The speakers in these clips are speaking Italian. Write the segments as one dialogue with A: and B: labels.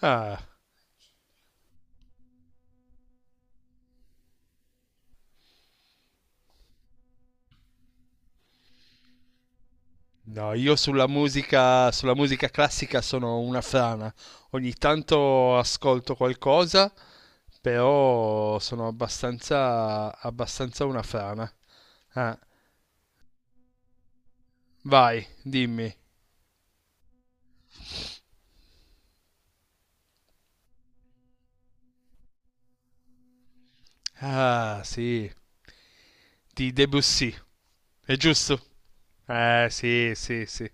A: Ah, no, io sulla musica classica sono una frana. Ogni tanto ascolto qualcosa, però sono abbastanza una frana. Ah, vai, dimmi. Ah, sì, di Debussy. È giusto? Sì, sì, sì.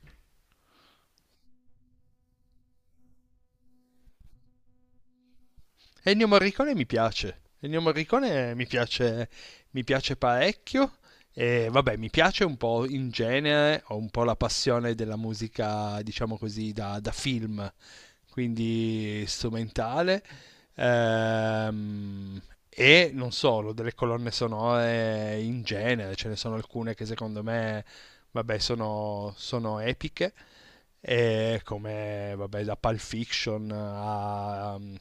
A: Ennio Morricone mi piace. Ennio Morricone mi piace parecchio. E vabbè, mi piace un po' in genere, ho un po' la passione della musica, diciamo così, da film, quindi strumentale. Ehm, e non solo, delle colonne sonore in genere, ce ne sono alcune che secondo me vabbè, sono epiche. E come vabbè, da Pulp Fiction a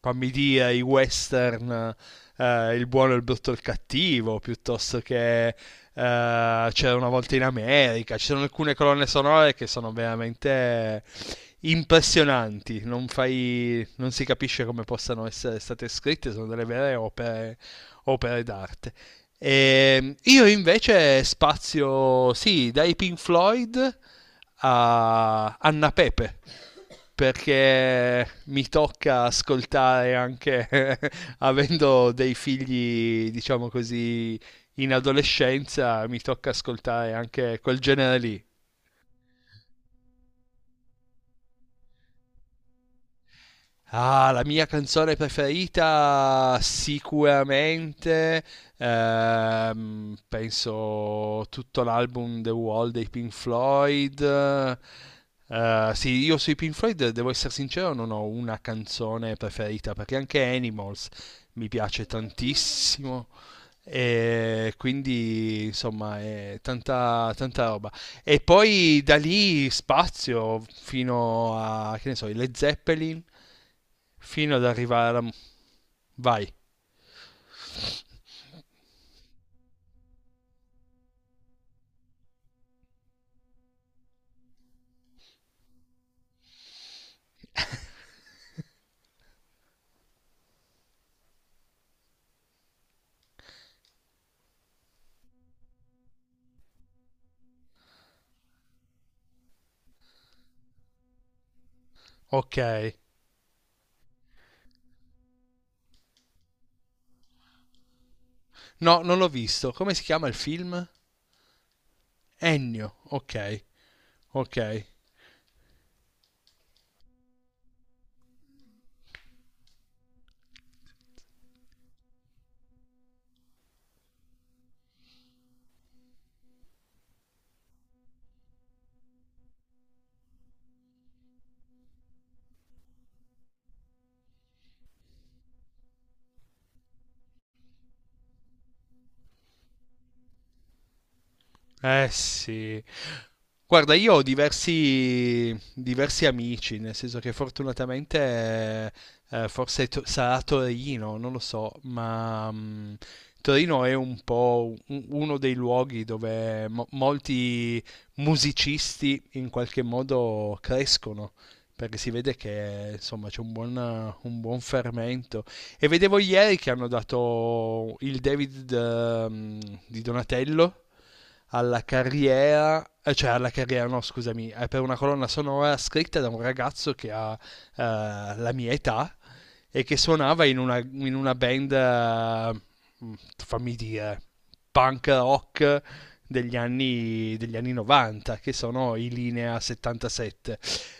A: fammi dire i western, il buono, il brutto e il cattivo, piuttosto che C'era una volta in America. Ci sono alcune colonne sonore che sono veramente impressionanti, non, fai, non si capisce come possano essere state scritte, sono delle vere opere, opere d'arte. E io invece spazio, sì, dai Pink Floyd a Anna Pepe, perché mi tocca ascoltare anche avendo dei figli, diciamo così, in adolescenza, mi tocca ascoltare anche quel genere lì. Ah, la mia canzone preferita sicuramente, penso tutto l'album The Wall dei Pink Floyd. Sì, io sui Pink Floyd, devo essere sincero, non ho una canzone preferita perché anche Animals mi piace tantissimo. E quindi insomma è tanta roba, e poi da lì spazio fino a che ne so, i Led Zeppelin fino ad arrivare a... Vai, ok. No, non l'ho visto. Come si chiama il film? Ennio, ok, ok. Eh sì, guarda, io ho diversi amici, nel senso che fortunatamente forse sarà Torino, non lo so, ma mm, Torino è un po' uno dei luoghi dove molti musicisti in qualche modo crescono, perché si vede che insomma c'è un buon fermento. E vedevo ieri che hanno dato il David di Donatello alla carriera, cioè alla carriera, no, scusami, è per una colonna sonora scritta da un ragazzo che ha la mia età, e che suonava in una band, fammi dire, punk rock degli anni 90, che sono i Linea 77,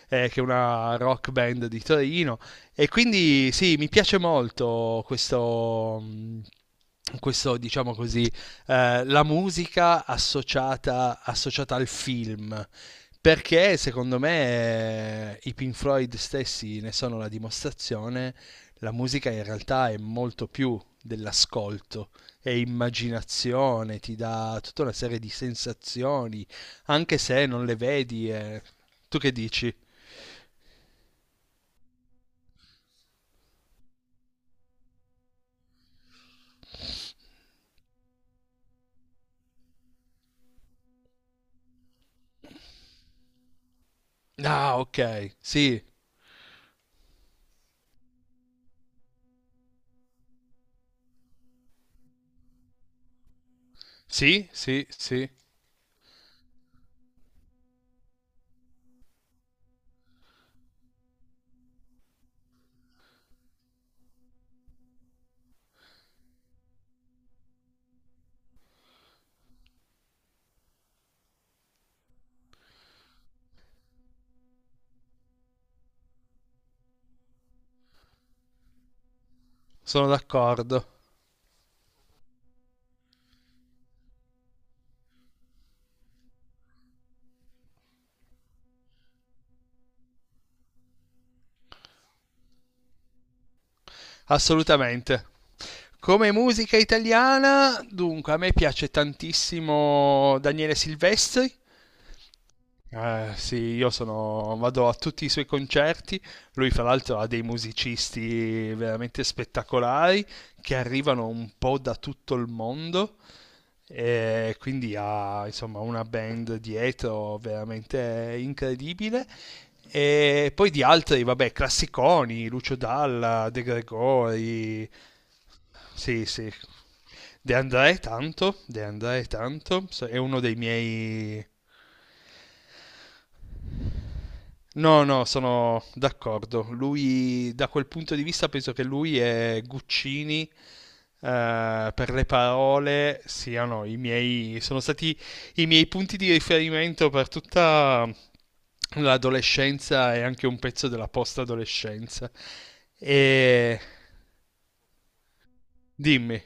A: che è una rock band di Torino. E quindi sì, mi piace molto questo. Questo diciamo così, la musica associata al film, perché secondo me i Pink Floyd stessi ne sono la dimostrazione, la musica in realtà è molto più dell'ascolto, è immaginazione, ti dà tutta una serie di sensazioni, anche se non le vedi. Eh. Tu che dici? Ah, ok, sì, sì, sì, sì, sono d'accordo, assolutamente. Come musica italiana, dunque, a me piace tantissimo Daniele Silvestri. Sì, io sono, vado a tutti i suoi concerti. Lui, fra l'altro, ha dei musicisti veramente spettacolari che arrivano un po' da tutto il mondo. E quindi ha, insomma, una band dietro veramente incredibile. E poi di altri, vabbè, classiconi, Lucio Dalla, De Gregori. Sì, sì. De André tanto, è uno dei miei. No, no, sono d'accordo. Lui, da quel punto di vista, penso che lui e Guccini, per le parole, siano i miei, sono stati i miei punti di riferimento per tutta l'adolescenza e anche un pezzo della post-adolescenza. E dimmi.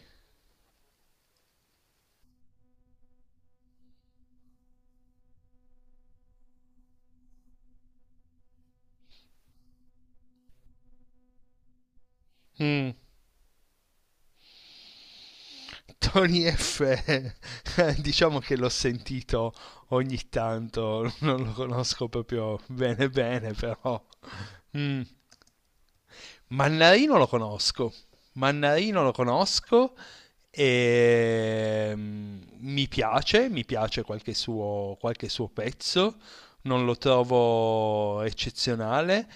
A: Mm. Tony F, diciamo che l'ho sentito ogni tanto, non lo conosco proprio bene bene, però... Mm. Mannarino lo conosco, Mannarino lo conosco e mm, mi piace qualche suo pezzo, non lo trovo eccezionale.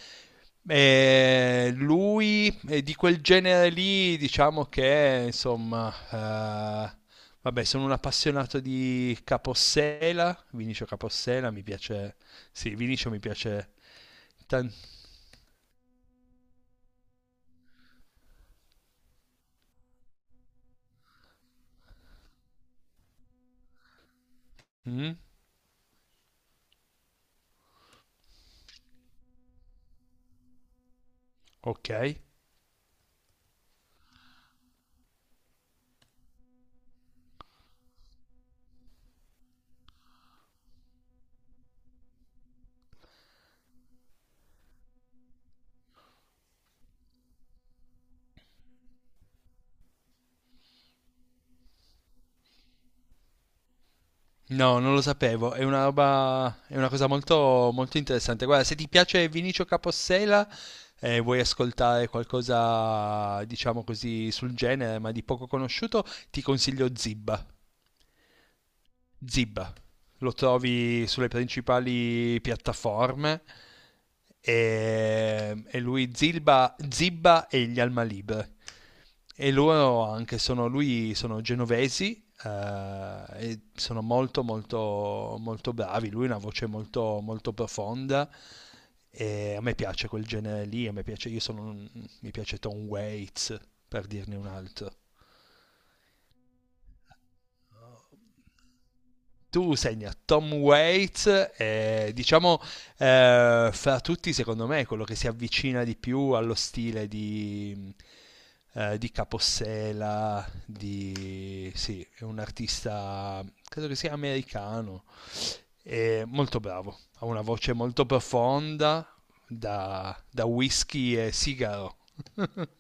A: E lui è di quel genere lì, diciamo che insomma, vabbè, sono un appassionato di Capossela, Vinicio Capossela, mi piace, sì, Vinicio mi piace tan- mm, ok. No, non lo sapevo, è una roba, è una cosa molto, molto interessante. Guarda, se ti piace Vinicio Capossela e vuoi ascoltare qualcosa, diciamo così, sul genere, ma di poco conosciuto, ti consiglio Zibba. Zib. Lo trovi sulle principali piattaforme e lui Zilba, Zibba e gli Alma Libre. E loro anche sono, lui, sono genovesi e sono molto molto molto bravi. Lui ha una voce molto molto profonda e a me piace quel genere lì, a me piace, io sono, mi piace Tom Waits per dirne un altro. Tu segna Tom Waits, diciamo fra tutti secondo me è quello che si avvicina di più allo stile di Capossela, di... sì, è un artista, credo che sia americano, è molto bravo, ha una voce molto profonda da whisky e sigaro.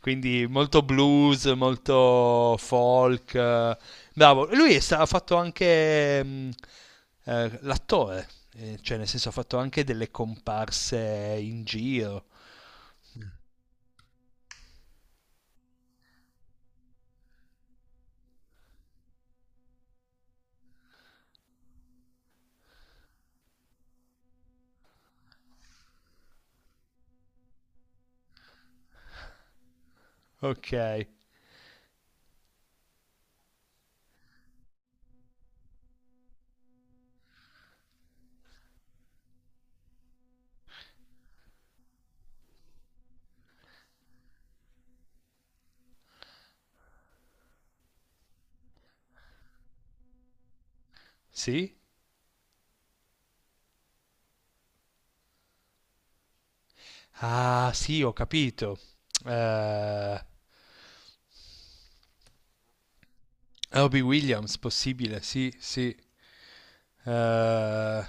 A: Quindi molto blues, molto folk. Eh, bravo. E lui è ha fatto anche mm, l'attore, cioè nel senso ha fatto anche delle comparse in giro. Ok, sì? Ah, sì, ho capito. Eh, Robbie Williams, possibile, sì, sì. Eh,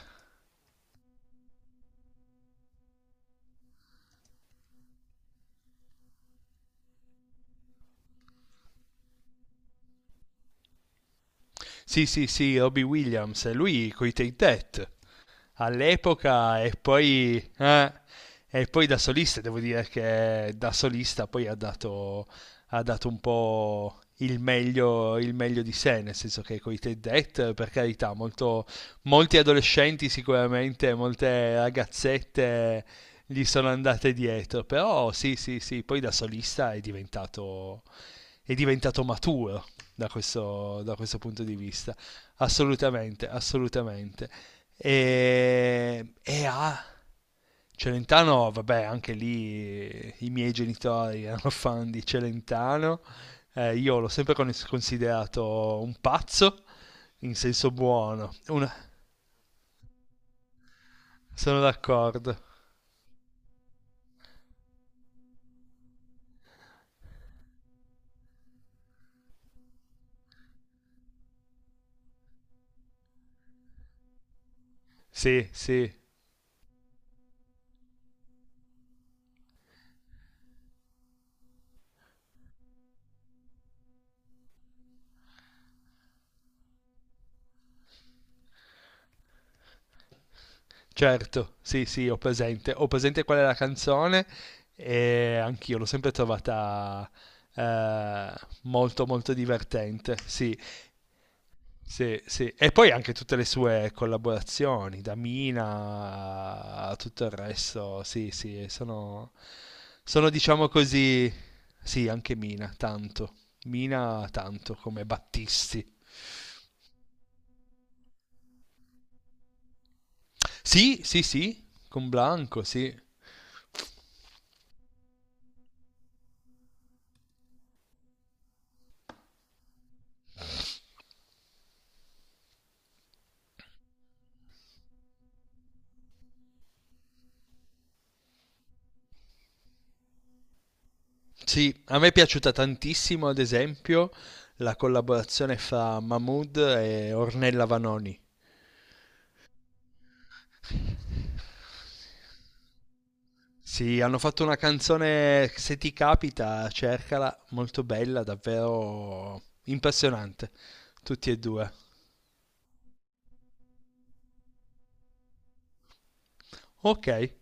A: sì, sì, sì, Robbie Williams, lui coi Take That all'epoca e poi da solista, devo dire che da solista poi ha dato un po' il meglio di sé, nel senso che con i Ted Dead, per carità, molto, molti adolescenti sicuramente, molte ragazzette gli sono andate dietro, però sì, sì, sì, poi da solista è diventato maturo da questo punto di vista, assolutamente, assolutamente. E a Celentano, vabbè, anche lì i miei genitori erano fan di Celentano. Io l'ho sempre considerato un pazzo, in senso buono. Una- Sono d'accordo. Sì, sì, certo. Sì, sì, ho presente. Ho presente qual è la canzone e anch'io l'ho sempre trovata eh, molto, molto divertente. Sì. Sì, sì. E poi anche tutte le sue collaborazioni, da Mina a tutto il resto, sì, sì, sono, sono diciamo così, sì, anche Mina, tanto. Mina tanto come Battisti. Sì, sì, sì, con Blanco, sì. Sì, a me è piaciuta tantissimo, ad esempio, la collaborazione fra Mahmood e Ornella Vanoni. Sì, hanno fatto una canzone, se ti capita, cercala, molto bella, davvero impressionante, tutti e due. Ok,